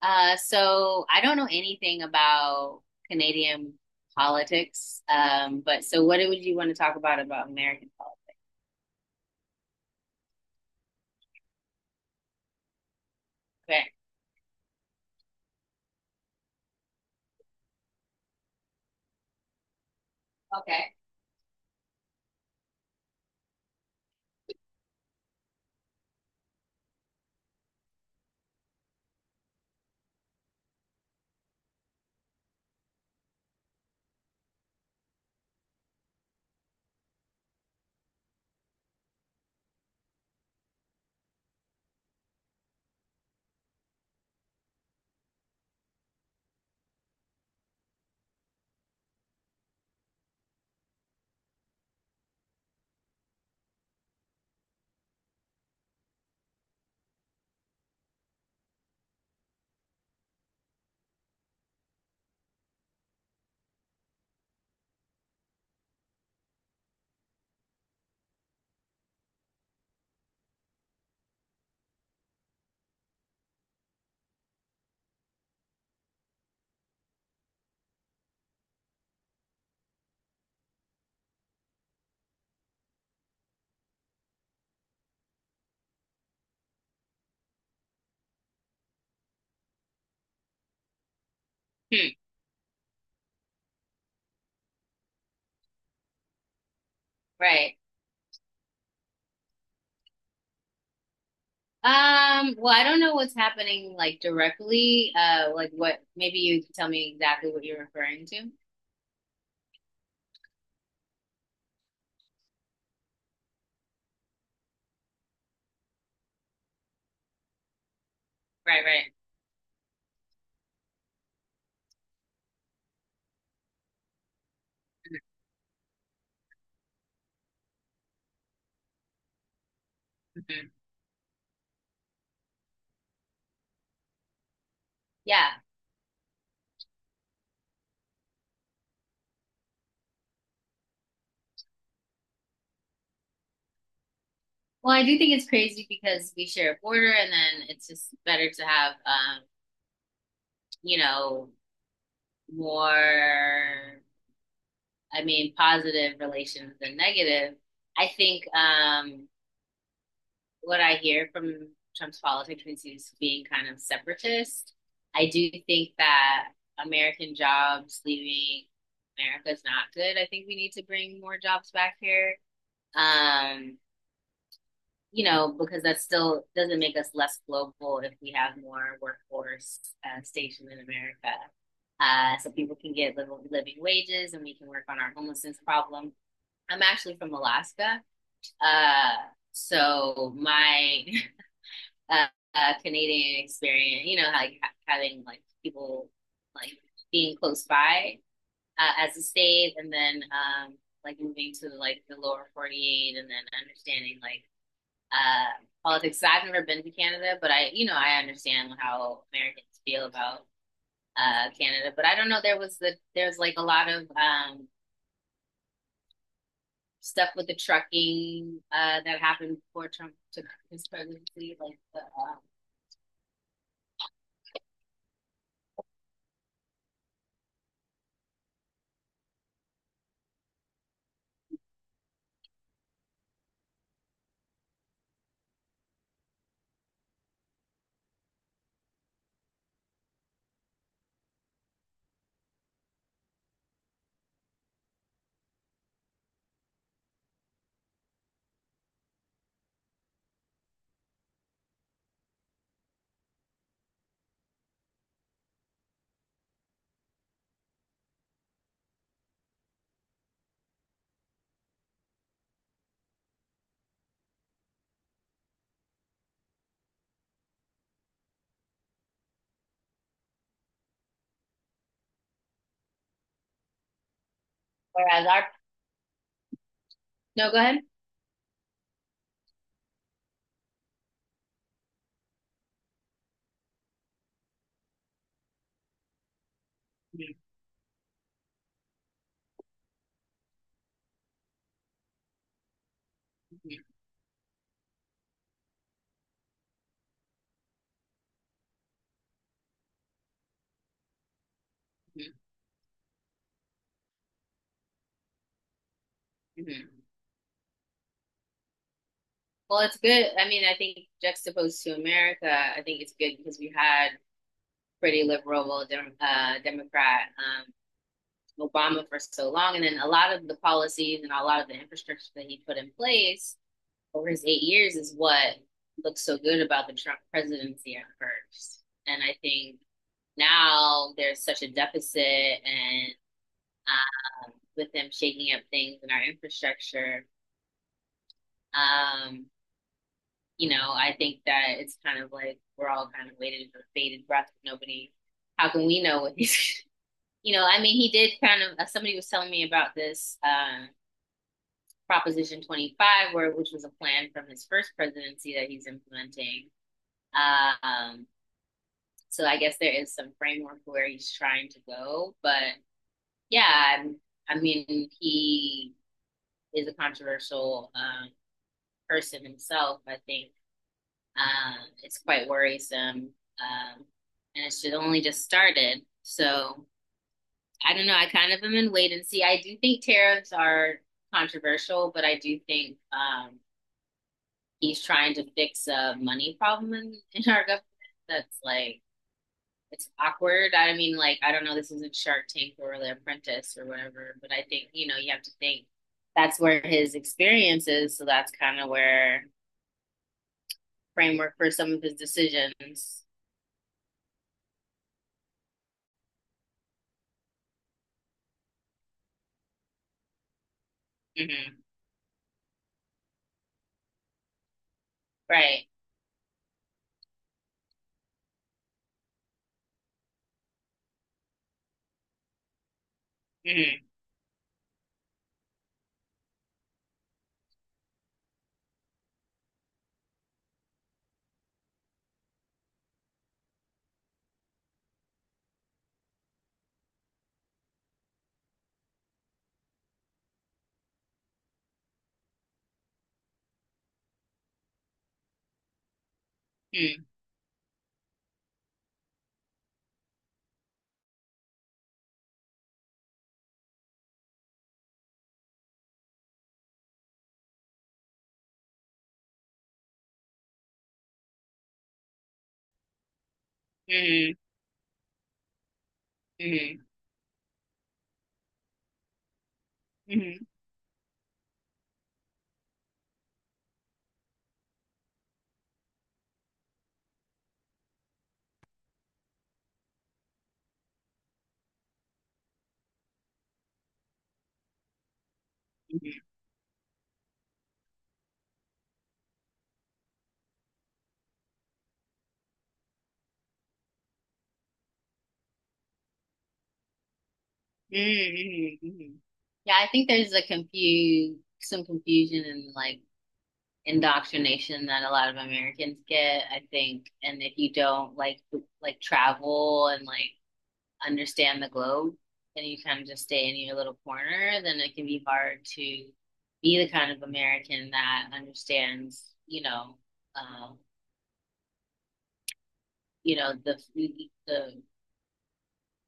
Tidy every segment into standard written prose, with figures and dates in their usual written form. So I don't know anything about Canadian politics. But what would you want to talk about American politics? Okay. Okay. Hmm, right. Well, I don't know what's happening like directly. Like what? Maybe you can tell me exactly what you're referring to. Right, right. Mhm. Yeah. Well, I do think it's crazy because we share a border, and then it's just better to have, you know, more. I mean, positive relations than negative. I think what I hear from Trump's politics is being kind of separatist. I do think that American jobs leaving America is not good. I think we need to bring more jobs back here. Um, you know, because that still doesn't make us less global if we have more workforce stationed in America. So people can get living wages and we can work on our homelessness problem. I'm actually from Alaska. Uh, so my uh, Canadian experience, you know, like having like people like being close by as a state, and then like moving to like the lower 48, and then understanding politics. So I've never been to Canada, but I, you know, I understand how Americans feel about Canada. But I don't know. There was the There's like a lot of stuff with the trucking that happened before Trump took his presidency. Whereas our— no, go ahead. Mm-hmm, mm-hmm, mm-hmm. Well, it's good. I mean, I think juxtaposed to America, I think it's good because we had pretty liberal Democrat Obama for so long, and then a lot of the policies and a lot of the infrastructure that he put in place over his 8 years is what looks so good about the Trump presidency at first. And I think now there's such a deficit and with them shaking up things in our infrastructure, um, you know, I think that it's kind of like we're all kind of waiting for bated breath. Nobody, how can we know what he's— you know, I mean, he did kind of, somebody was telling me about this Proposition 25, where which was a plan from his first presidency that he's implementing. Um, so I guess there is some framework where he's trying to go, but yeah, I, mean, he is a controversial person himself. I think um, it's quite worrisome, um, and it should only just started. So I don't know. I kind of am in wait and see. I do think tariffs are controversial, but I do think he's trying to fix a money problem in our government that's like it's awkward. I mean, like, I don't know, this isn't Shark Tank or The Apprentice or whatever, but I think, you know, you have to think that's where his experience is. So that's kind of where framework for some of his decisions. Mm-hmm. Right. Mm-hmm. Mm-hmm. Mm-hmm. Mm-hmm. Mm-hmm. Mm-hmm. Mm-hmm. Mm-hmm. Yeah, I think there's some confusion and like indoctrination that a lot of Americans get, I think. And if you don't like travel and like understand the globe and you kind of just stay in your little corner, then it can be hard to be the kind of American that understands, uh, you know the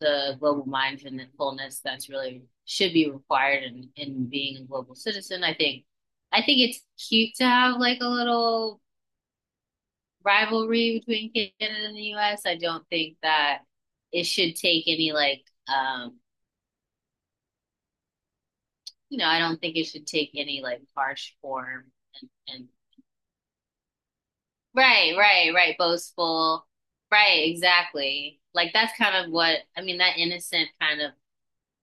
the global mindfulness that's really should be required in being a global citizen. I think it's cute to have like a little rivalry between Canada and the US. I don't think that it should take any like you know, I don't think it should take any like harsh form and right, right, right, boastful. Right, exactly. Like that's kind of what I mean, that innocent kind of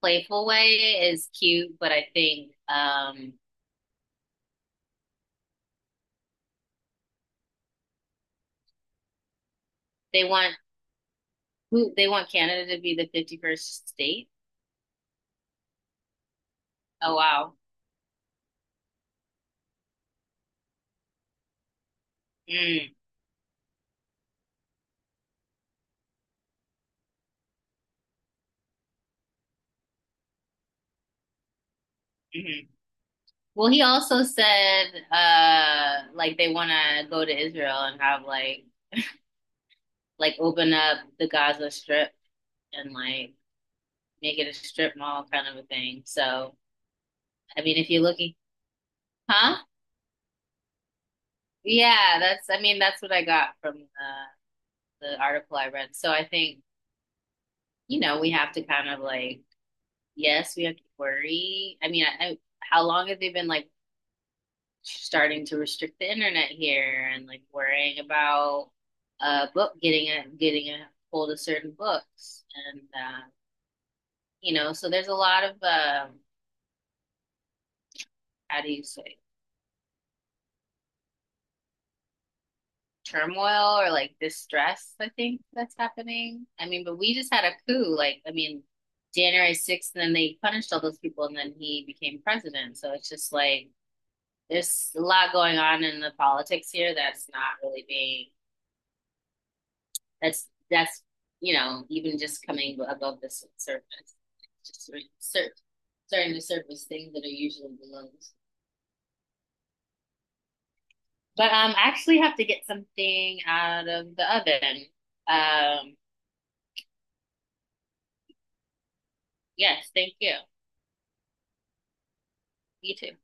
playful way is cute, but I think they want who they want Canada to be the 51st state. Oh wow. Mm, mhm. Well, he also said like they want to go to Israel and have like open up the Gaza Strip and like make it a strip mall kind of a thing. So, I mean, if you're looking, huh? Yeah, that's, I mean, that's what I got from the article I read. So I think, you know, we have to kind of like, yes, we have to worry. I mean, how long have they been like starting to restrict the internet here and like worrying about book getting a hold of certain books and you know so there's a lot of how do you say turmoil or like distress, I think that's happening. I mean, but we just had a coup. Like, I mean, January 6th, and then they punished all those people, and then he became president. So it's just like there's a lot going on in the politics here that's not really that's, that's, you know, even just coming above the surface, just sur- starting to surface things that are usually below. But I actually have to get something out of the oven. Um, yes, thank you. You too.